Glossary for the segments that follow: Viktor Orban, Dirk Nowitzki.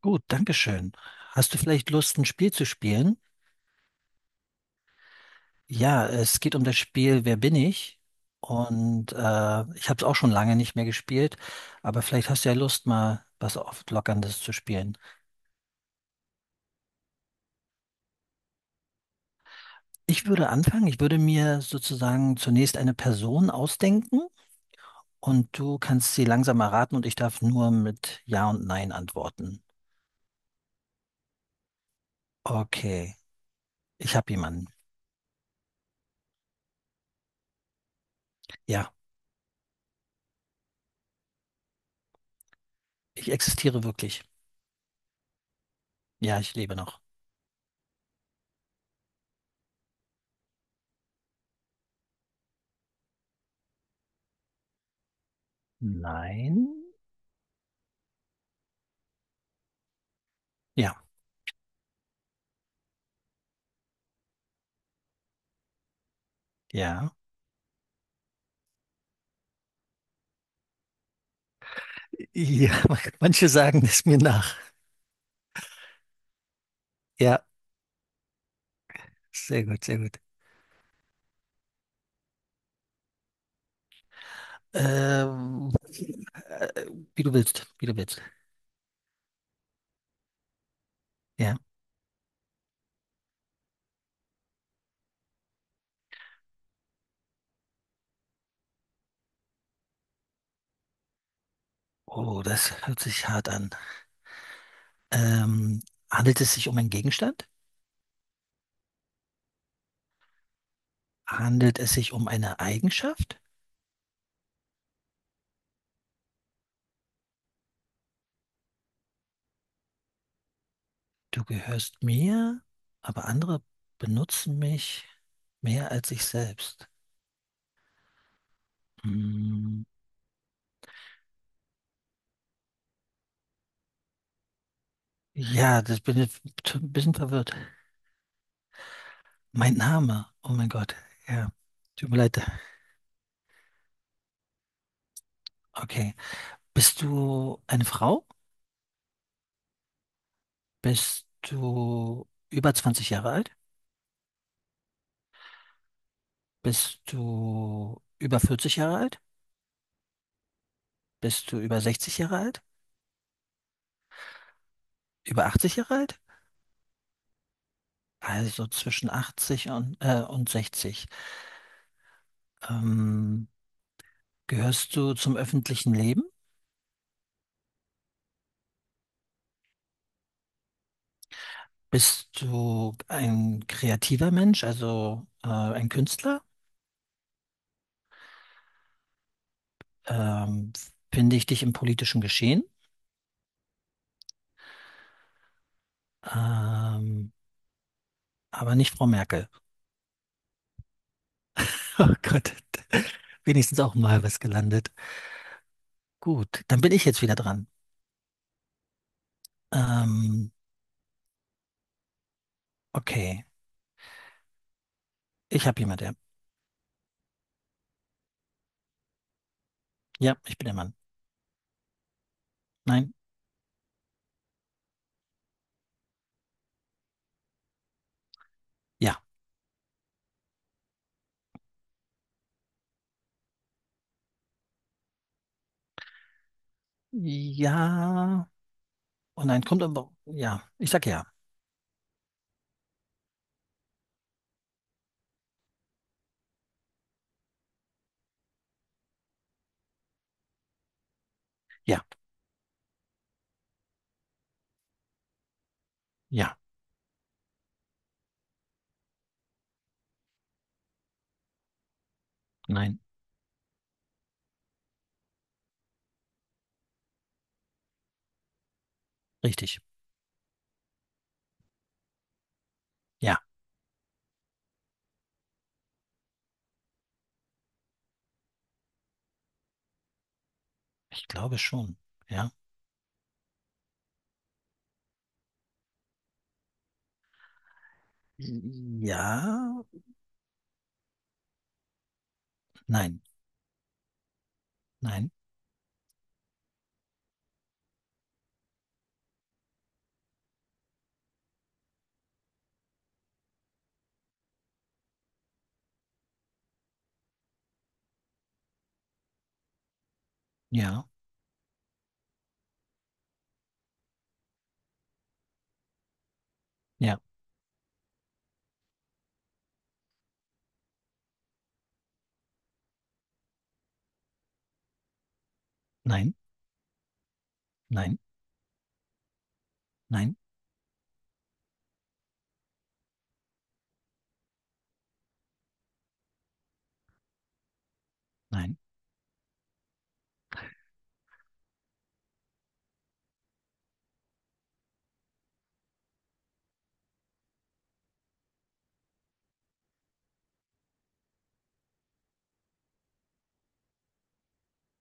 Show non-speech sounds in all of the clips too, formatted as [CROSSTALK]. Gut, Dankeschön. Hast du vielleicht Lust, ein Spiel zu spielen? Ja, es geht um das Spiel Wer bin ich? Und äh, Ich habe es auch schon lange nicht mehr gespielt, aber vielleicht hast du ja Lust, mal was Auflockerndes zu spielen. Ich würde anfangen. Ich würde mir sozusagen zunächst eine Person ausdenken und du kannst sie langsam erraten und ich darf nur mit Ja und Nein antworten. Okay, ich habe jemanden. Ja, ich existiere wirklich. Ja, ich lebe noch. Nein? Ja, ja. Ja, [LAUGHS] manche sagen es mir nach. Ja, sehr gut, sehr gut. Ähm, Wie du willst, wie du willst. Ja. Oh, das hört sich hart an. Ähm, Handelt es sich um einen Gegenstand? Handelt es sich um eine Eigenschaft? Du gehörst mir, aber andere benutzen mich mehr als ich selbst. Hm, ja, das bin ich ein bisschen verwirrt. Mein Name, oh mein Gott. Ja, tut mir leid. Okay. Bist du eine Frau? Bist du über 20 Jahre alt? Bist du über 40 Jahre alt? Bist du über 60 Jahre alt? Über 80 Jahre alt? Also zwischen 80 und 60. Ähm, Gehörst du zum öffentlichen Leben? Bist du ein kreativer Mensch, also ein Künstler? Ähm, Finde ich dich im politischen Geschehen? Ähm, aber nicht Frau Merkel. [LAUGHS] Oh Gott, wenigstens auch mal was gelandet. Gut, dann bin ich jetzt wieder dran. Ähm, okay, ich habe jemand, ja. Ja, ich bin der Mann. Nein, ja. Ja. Oh nein, kommt aber. Ja, ich sag ja. Ja, ja, nein, richtig. Ja, ich glaube schon. Ja. Ja, nein, nein, ja, ja, nein, nein, nein, nein,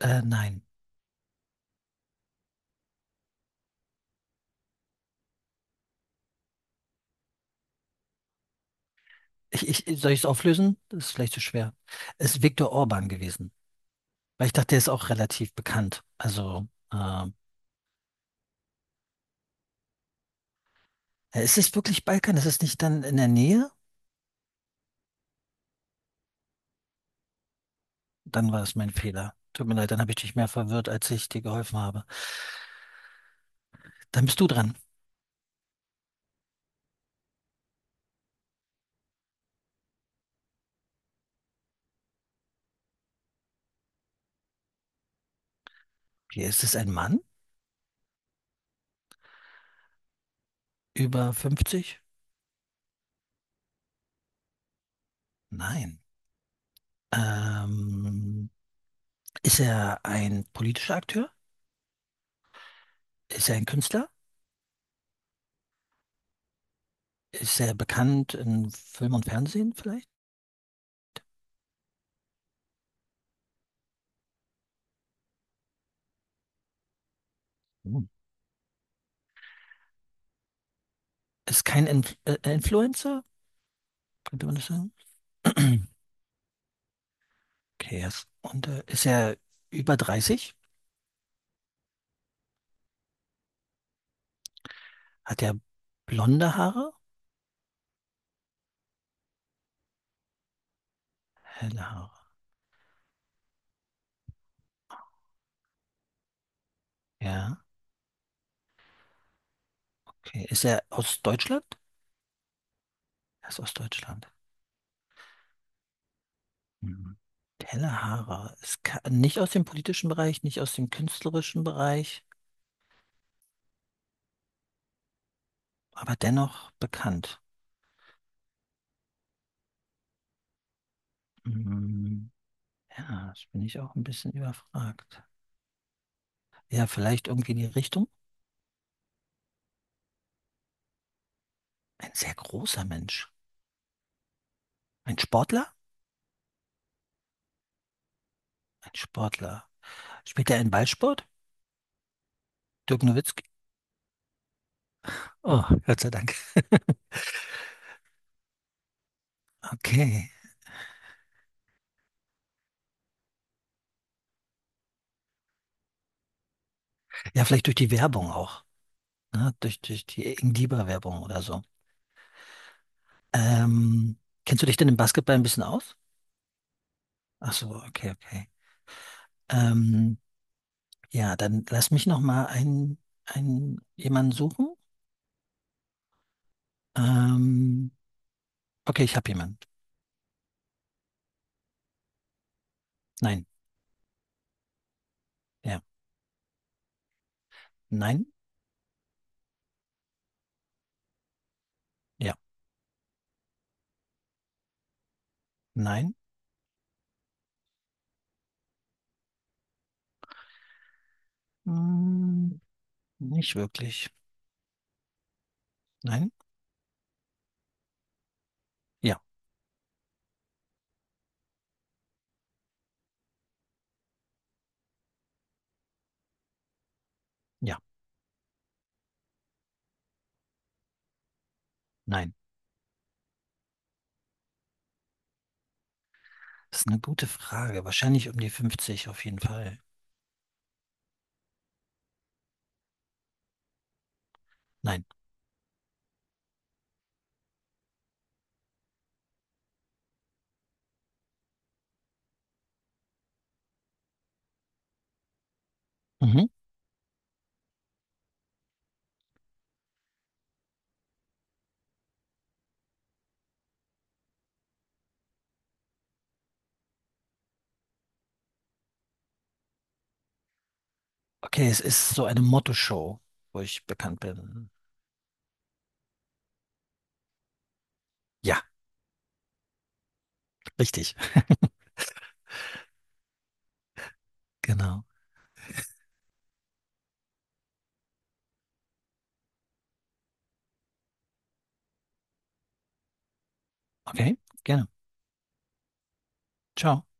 nein. Soll ich es auflösen? Das ist vielleicht zu schwer. Es ist Viktor Orban gewesen, weil ich dachte, der ist auch relativ bekannt. Also, ist es wirklich Balkan? Ist es nicht dann in der Nähe? Dann war es mein Fehler. Tut mir leid, dann habe ich dich mehr verwirrt, als ich dir geholfen habe. Dann bist du dran. Hier, ist es ein Mann? Über 50? Nein. Ähm, Ist er ein politischer Akteur? Ist er ein Künstler? Ist er bekannt in Film und Fernsehen vielleicht? Hm. Ist kein Inf Influencer, könnte man das sagen? [CLEARS THROAT] Okay, yes. Und ist er über 30? Hat er blonde Haare? Helle Haare. Ja. Okay. Ist er aus Deutschland? Er ist aus Deutschland. Hm. Tellerhaarer ist ka- nicht aus dem politischen Bereich, nicht aus dem künstlerischen Bereich, aber dennoch bekannt. Hm. Ja, das bin ich auch ein bisschen überfragt. Ja, vielleicht irgendwie in die Richtung? Ein sehr großer Mensch. Ein Sportler? Ein Sportler. Spielt er einen Ballsport? Dirk Nowitzki? Oh, Gott sei Dank. [LAUGHS] Okay. Ja, vielleicht durch die Werbung auch. Ne? Durch die Ingliba-Werbung oder so. Ähm, Kennst du dich denn im Basketball ein bisschen aus? Ach so, okay, okay. Ähm, ja, dann lass mich noch mal einen jemanden suchen. Ähm, okay, ich habe jemanden. Nein, ja, nein, ja, nein, hm, nicht wirklich. Nein, ja, ja, nein. Das ist eine gute Frage. Wahrscheinlich um die 50 auf jeden Fall. Nein. Mhm. Okay, es ist so eine Motto-Show, wo ich bekannt bin. Ja, richtig. [LAUGHS] Genau. Okay, gerne. Ciao.